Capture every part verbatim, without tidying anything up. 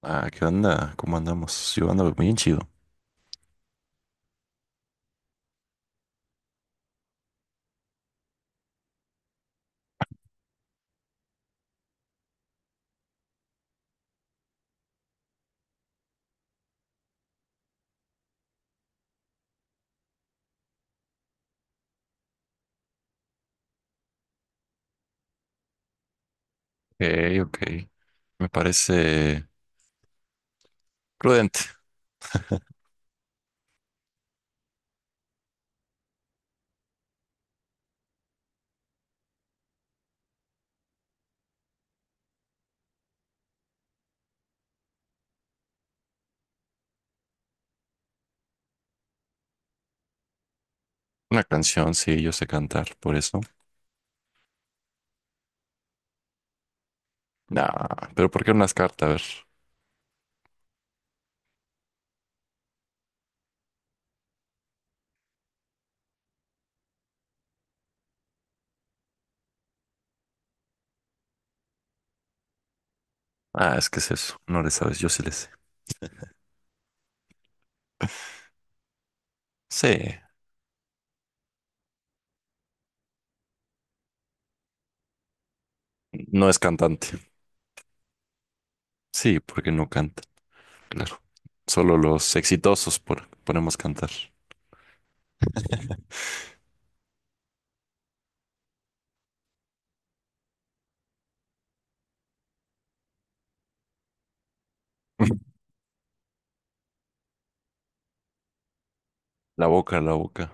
Ah, ¿qué onda? ¿Cómo andamos? Yo ando muy chido. Ok, ok. Me parece prudente. Una canción, sí, yo sé cantar, por eso. Nah, pero ¿por qué unas cartas? A ver. Ah, es que es eso. No le sabes, yo sí le sé. Sí, no es cantante. Sí, porque no canta, claro. Solo los exitosos por- podemos cantar. La boca, la boca.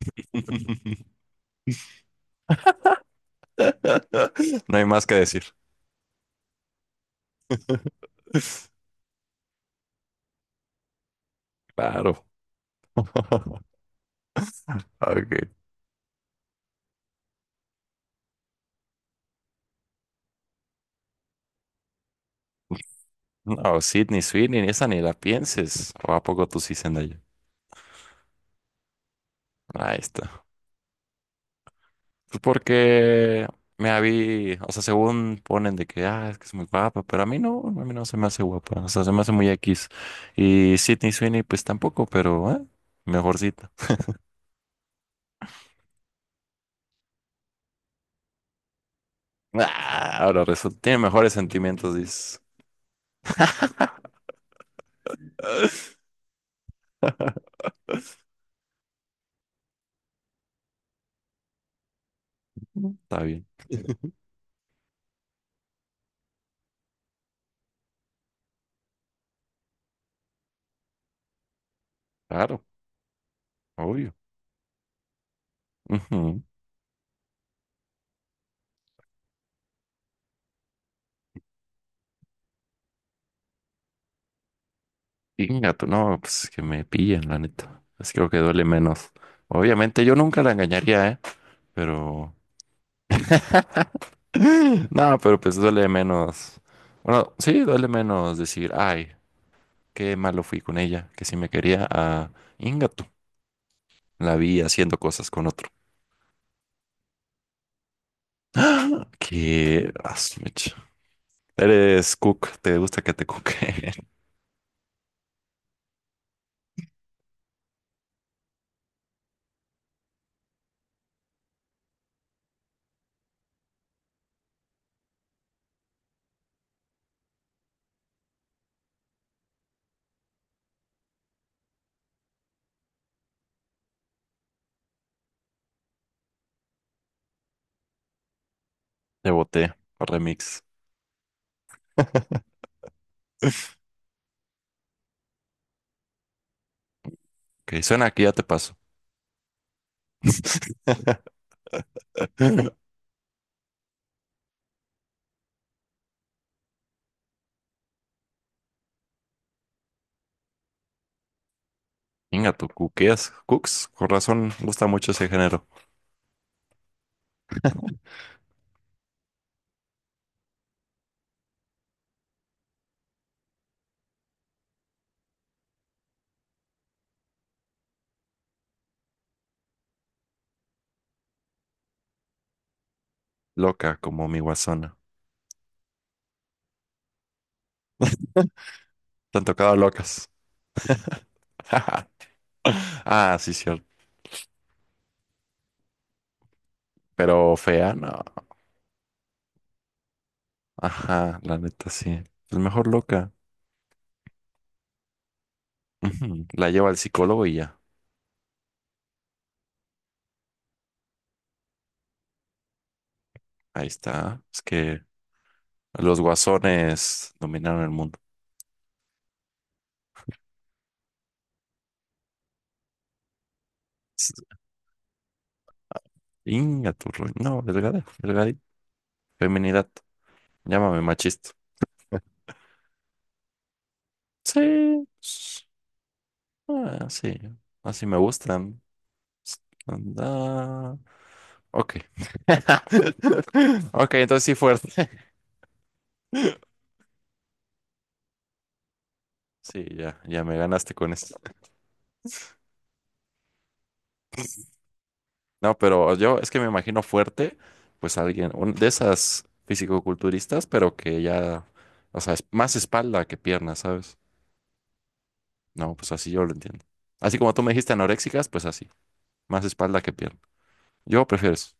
No hay más que decir. Claro. Ok. No, Sydney Sweeney, esa ni la pienses. ¿O a poco tú sí, Zendaya? Ahí está. Pues porque me la, o sea, según ponen de que, ah, es que es muy guapa, pero a mí no, a mí no se me hace guapa, o sea, se me hace muy X. Y Sydney Sweeney, pues tampoco, pero, ¿eh? Mejorcita. Ah, ahora resulta, tiene mejores sentimientos, dices. Está bien, claro, obvio. Ujú. Inga, tú, no, pues que me pillen, la neta. Es que creo que duele menos. Obviamente yo nunca la engañaría, ¿eh? Pero... No, pero pues duele menos. Bueno, sí, duele menos decir, ay, qué malo fui con ella, que si me quería a Ingato. La vi haciendo cosas con otro. Que... ah, su mecha. Eres cook, te gusta que te coque. Te boté, remix. Que suena que ya te paso. Ingato, cuqueas, cooks. Con razón, gusta mucho ese género. Loca como mi guasona. Te han tocado locas. Ah, sí, cierto. Pero fea, no. Ajá, la neta sí. Es mejor loca. Ujú, la lleva al psicólogo y ya. Ahí está. Es que los guasones dominaron el mundo. S- Inga tu roi- no, delgada, delgadita. Feminidad. Llámame machista. Sí. s- Ah, sí. Así me gustan. S- Anda. Ok. Ok, entonces sí fuerte. Sí, ya, ya me ganaste con esto. No, pero yo es que me imagino fuerte, pues alguien, un- de esas fisicoculturistas, pero que ya, o sea, es más espalda que pierna, ¿sabes? No, pues así yo lo entiendo. Así como tú me dijiste anoréxicas, pues así, más espalda que pierna. Yo prefiero eso.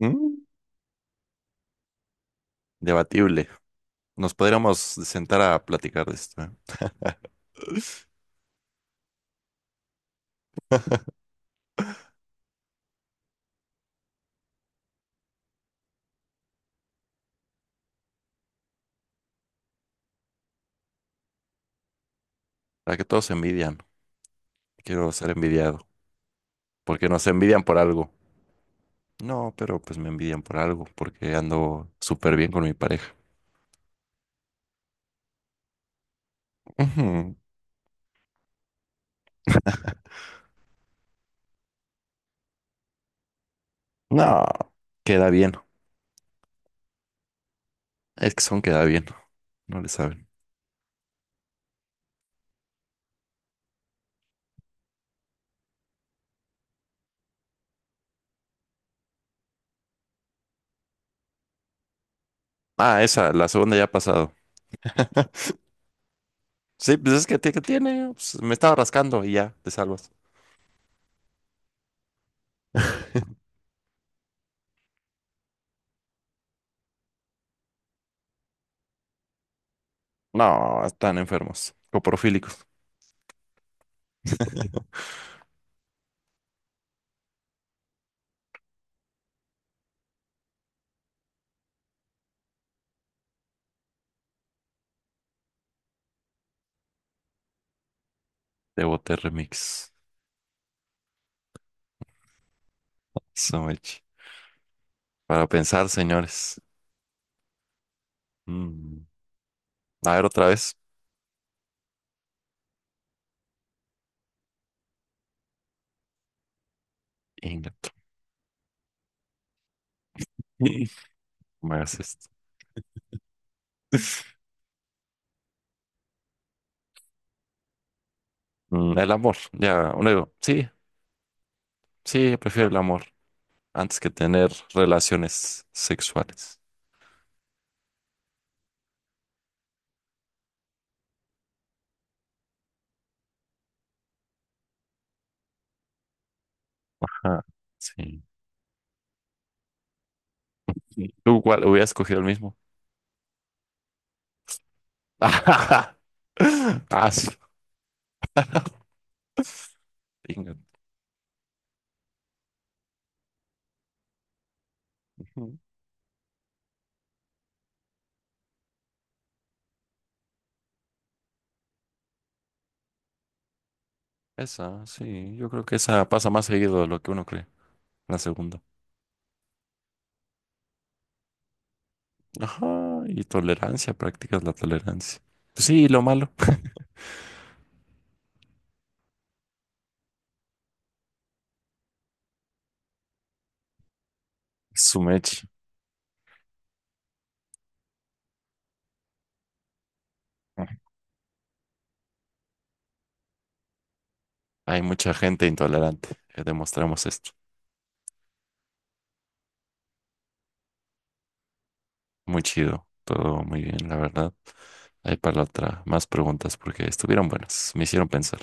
Mm, Debatible. Nos podríamos sentar a platicar de esto, ¿eh? Para que todos se envidian. Quiero ser envidiado. Porque nos envidian por algo. No, pero pues me envidian por algo, porque ando súper bien con mi pareja. Ujú. No, queda bien. Es que son queda bien. No le saben. Ah, esa, la segunda ya ha pasado. Sí, pues es que, ti- que tiene. Pues, me estaba rascando y ya, te salvas. No, están enfermos. Coprofílicos. De Boté Remix. So much. Para pensar, señores. Mm. A ver, otra vez. Inga. No me hagas esto. Mm, El amor. Ya, uno digo, sí, sí, prefiero el amor antes que tener relaciones sexuales. Ajá. Sí. Sí. ¿Tú cuál? Hubiera escogido el mismo. Ah, sí. Venga. Ujú. Esa, sí, yo creo que esa pasa más seguido de lo que uno cree, la segunda. Ajá, y tolerancia, practicas la tolerancia. Pues sí, lo malo. Su mecha. Hay mucha gente intolerante. eh, Demostramos esto. Muy chido. Todo muy bien, la verdad. Hay para la otra más preguntas porque estuvieron buenas. Me hicieron pensar.